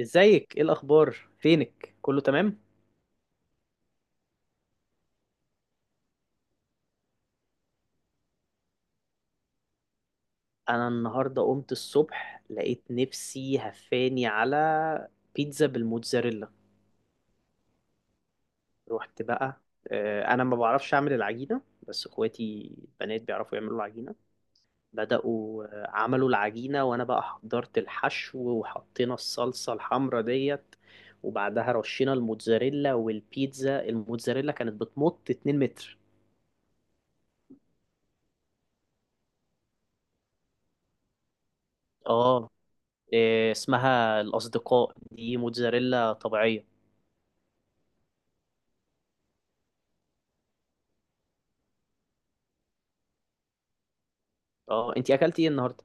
ازيك؟ ايه الاخبار؟ فينك؟ كله تمام؟ انا النهارده قمت الصبح لقيت نفسي هفاني على بيتزا بالموتزاريلا. رحت بقى. انا ما بعرفش اعمل العجينه، بس اخواتي البنات بيعرفوا يعملوا العجينه. بدأوا، عملوا العجينه وانا بقى حضرت الحشو وحطينا الصلصه الحمرا ديت. وبعدها رشينا الموتزاريلا، والبيتزا الموتزاريلا كانت بتمط 2 متر. اه. إيه اسمها الأصدقاء دي، موتزاريلا طبيعية. اه، انتي أكلتي ايه النهاردة؟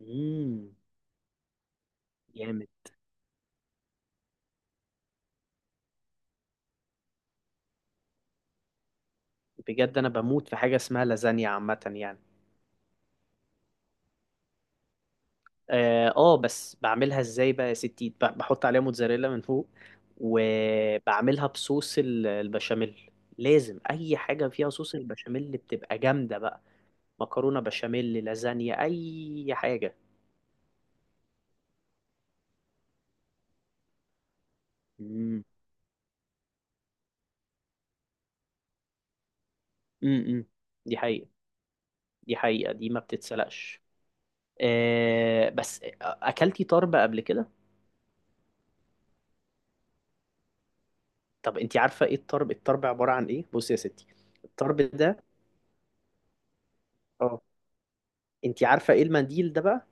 مم. جامد. بجد أنا بموت في حاجة اسمها لازانيا عامة يعني. اه، بس بعملها ازاي بقى يا ستي؟ بحط عليها موتزاريلا من فوق، وبعملها بصوص البشاميل. لازم أي حاجة فيها صوص البشاميل اللي بتبقى جامدة بقى. مكرونة بشاميل لازانيا، أي حاجة. مم. مم. مم. دي حقيقة، دي حقيقة، دي ما بتتسلقش. بس اكلتي طرب قبل كده؟ طب انت عارفه ايه الطرب؟ الطرب عباره عن ايه؟ بصي يا ستي، الطرب ده. اه. انت عارفه ايه المنديل ده بقى؟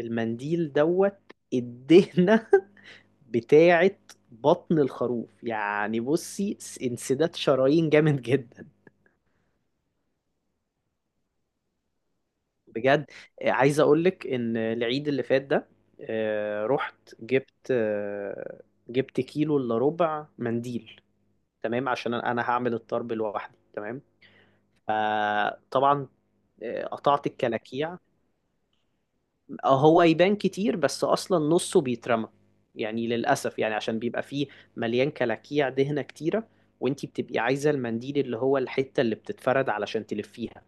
المنديل دوت، الدهنه بتاعه بطن الخروف يعني. بصي، انسداد شرايين جامد جدا. بجد. عايز اقول لك ان العيد اللي فات ده، رحت جبت كيلو الا ربع منديل. تمام، عشان انا هعمل الطرب لوحدي. تمام، فطبعا قطعت الكلاكيع. هو يبان كتير بس اصلا نصه بيترمى، يعني للاسف، يعني عشان بيبقى فيه مليان كلاكيع، دهنة كتيرة. وانتي بتبقي عايزة المنديل اللي هو الحتة اللي بتتفرد علشان تلفيها.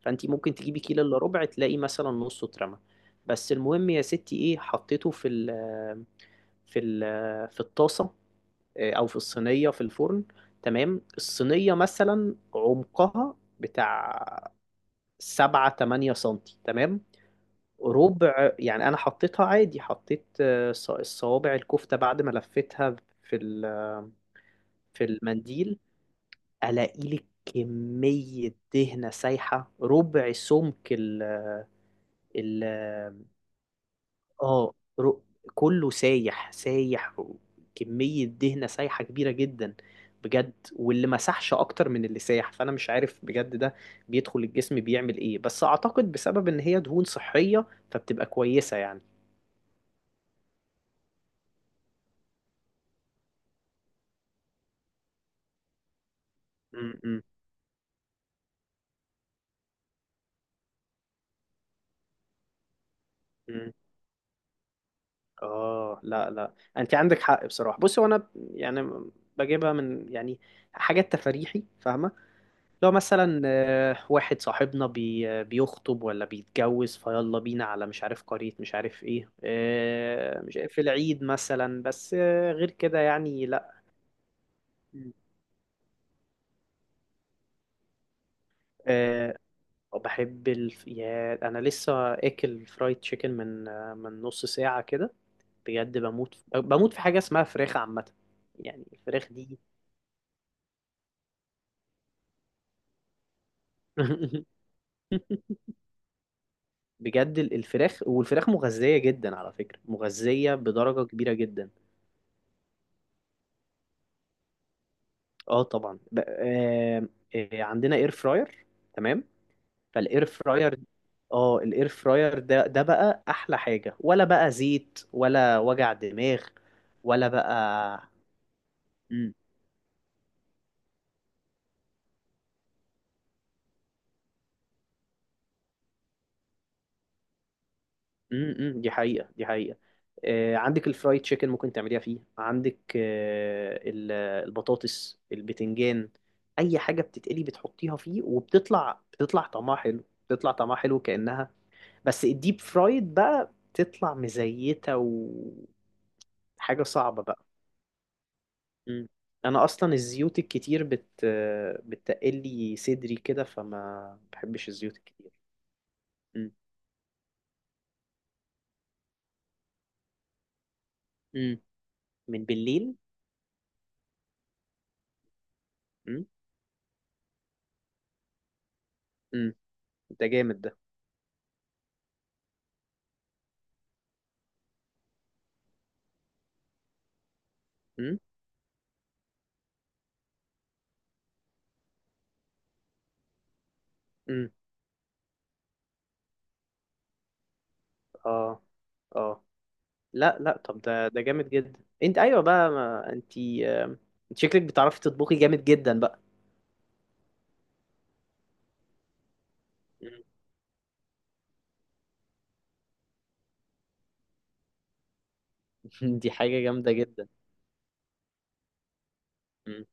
فانتي ممكن تجيبي كيلو الا ربع، تلاقي مثلا نصه اترمى. بس المهم يا ستي، ايه، حطيته في الطاسة، او في الصينية في الفرن. تمام. الصينية مثلا عمقها بتاع 7 8 سنتي، تمام، ربع يعني. أنا حطيتها عادي، حطيت الصوابع الكفتة بعد ما لفيتها في في المنديل، ألاقي لك كمية دهنة سايحة ربع سمك ال اه ر- كله سايح سايح. كمية دهنة سايحة كبيرة جدا بجد، واللي مسحش أكتر من اللي سايح. فأنا مش عارف بجد ده بيدخل الجسم بيعمل إيه، بس أعتقد بسبب إن هي دهون صحية فبتبقى كويسة يعني. مم، مم، مم. اه، لا لا، انت عندك حق بصراحه. بصي، وانا يعني بجيبها من يعني حاجات تفريحي، فاهمه. لو مثلا واحد صاحبنا بي آه، بيخطب ولا بيتجوز فيلا بينا على مش عارف قريه، مش عارف ايه، مش عارف، في العيد مثلا، بس غير كده يعني لا. مم. آه، بحب يا انا لسه اكل فرايد تشيكن من من نص ساعه كده. بجد، بموت في حاجه اسمها فراخ عامه، يعني الفراخ دي. بجد الفراخ، والفراخ مغذية جدا على فكرة، مغذية بدرجة كبيرة جدا. اه طبعا. عندنا اير فراير، تمام. فالاير فراير، اه الاير فراير ده بقى احلى حاجة، ولا بقى زيت، ولا وجع دماغ، ولا بقى. دي حقيقة، دي حقيقة. عندك الفرايد تشيكن ممكن تعمليها فيه، عندك البطاطس، البتنجان، أي حاجة بتتقلي بتحطيها فيه وبتطلع طعمها حلو. بتطلع طعمها حلو كأنها بس الديب فرايد بقى بتطلع مزيتة وحاجة صعبة بقى. مم. أنا أصلا الزيوت الكتير بت آه، بتقلي صدري كده، فما بحبش الزيوت الكتير. مم. مم. من بالليل. مم. مم. ده جامد ده. امم، امم. اه، اه، لا لا، طب ده جامد جدا. انت ايوه بقى، ما انت، آه، انت شكلك بتعرفي تطبخي جامد جدا بقى. مم. دي حاجة جامدة جدا. مم.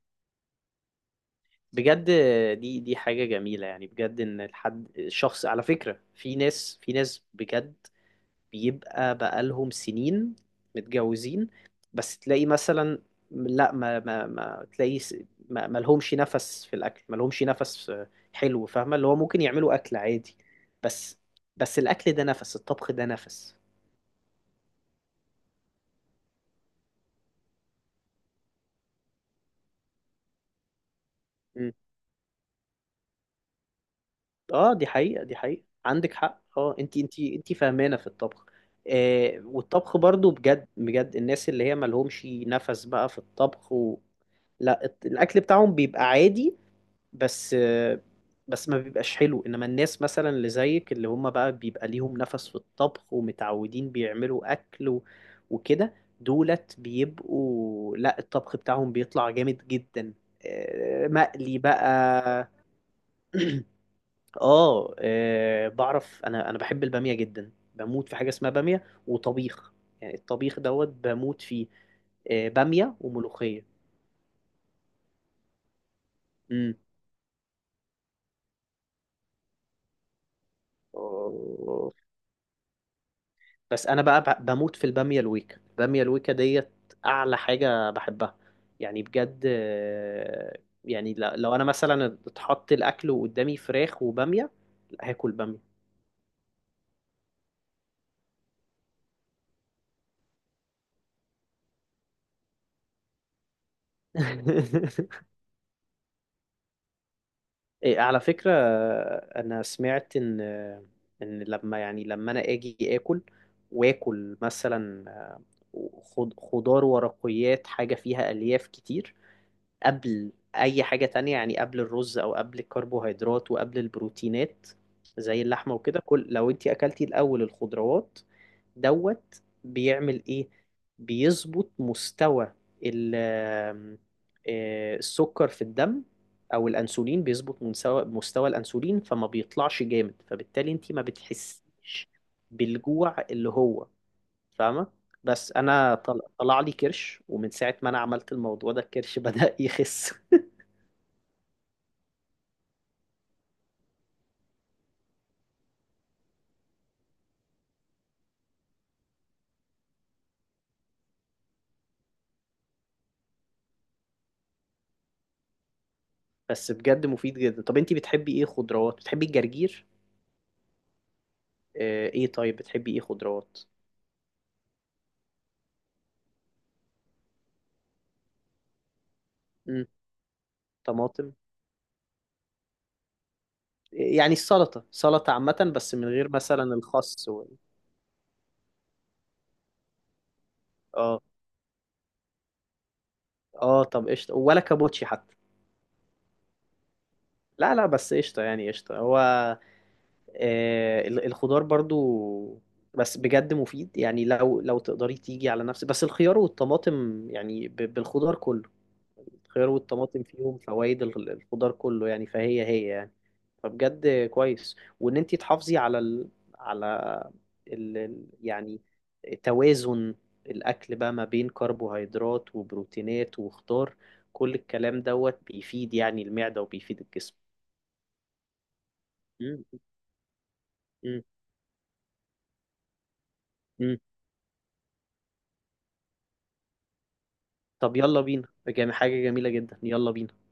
بجد دي حاجة جميلة، يعني بجد، ان الحد الشخص، على فكرة، في ناس، في ناس بجد بيبقى بقالهم سنين متجوزين، بس تلاقي مثلا، لا، ما تلاقي، ما لهمش نفس في الاكل، ما لهمش نفس حلو، فاهمه، اللي هو ممكن يعملوا اكل عادي بس بس الاكل ده نفس، الطبخ ده نفس. مم. اه، دي حقيقه، دي حقيقه، عندك حق اه. انت فاهمانه في الطبخ، والطبخ برضو بجد. الناس اللي هي ما لهمش نفس بقى في الطبخ و... لا، الاكل بتاعهم بيبقى عادي بس، ما بيبقاش حلو. انما الناس مثلا اللي زيك، اللي هم بقى بيبقى ليهم نفس في الطبخ ومتعودين بيعملوا اكل وكده، دولت بيبقوا، لا، الطبخ بتاعهم بيطلع جامد جدا، مقلي بقى. اه بعرف. انا بحب البامية جدا، بموت في حاجة اسمها بامية وطبيخ، يعني الطبيخ دوت بموت فيه. بامية وملوخية. امم. بس انا بقى بموت في الباميه الويكا، الباميه الويكا ديت اعلى حاجه بحبها، يعني بجد يعني لو انا مثلا اتحط الاكل وقدامي فراخ وباميه، لا، هاكل باميه. إيه، على فكره، انا سمعت ان ان لما يعني انا اجي اكل، واكل مثلا خضار ورقيات، حاجه فيها الياف كتير قبل اي حاجة تانية، يعني قبل الرز او قبل الكربوهيدرات وقبل البروتينات زي اللحمة وكده. كل، لو انت اكلتي الاول الخضروات دوت، بيعمل ايه؟ بيظبط مستوى ال- آم، آه، السكر في الدم او الانسولين، بيظبط مستوى الانسولين فما بيطلعش جامد، فبالتالي انت ما بتحسيش بالجوع، اللي هو، فاهمة. بس انا طلع لي كرش، ومن ساعة ما انا عملت الموضوع ده الكرش بدأ يخس. بس بجد مفيد جدا. طب انتي بتحبي ايه خضروات؟ بتحبي الجرجير؟ ايه، طيب بتحبي ايه خضروات؟ مم. طماطم، يعني السلطة، سلطة عامة بس من غير مثلا الخس وال... اه. اه، طب قشطة ولا كابوتشي حتى؟ لا لا، بس قشطة يعني، قشطة هو الخضار برضو. بس بجد مفيد يعني، لو تقدري تيجي على نفسك بس الخيار والطماطم يعني، بالخضار كله. الخيار والطماطم فيهم فوائد الخضار كله، يعني فهي يعني فبجد كويس. وان انت تحافظي على على يعني توازن الاكل بقى ما بين كربوهيدرات وبروتينات وخضار. كل الكلام دوت بيفيد يعني المعدة، وبيفيد الجسم. مم. مم. مم. طب يلا بينا، حاجة جميلة جدا، يلا بينا.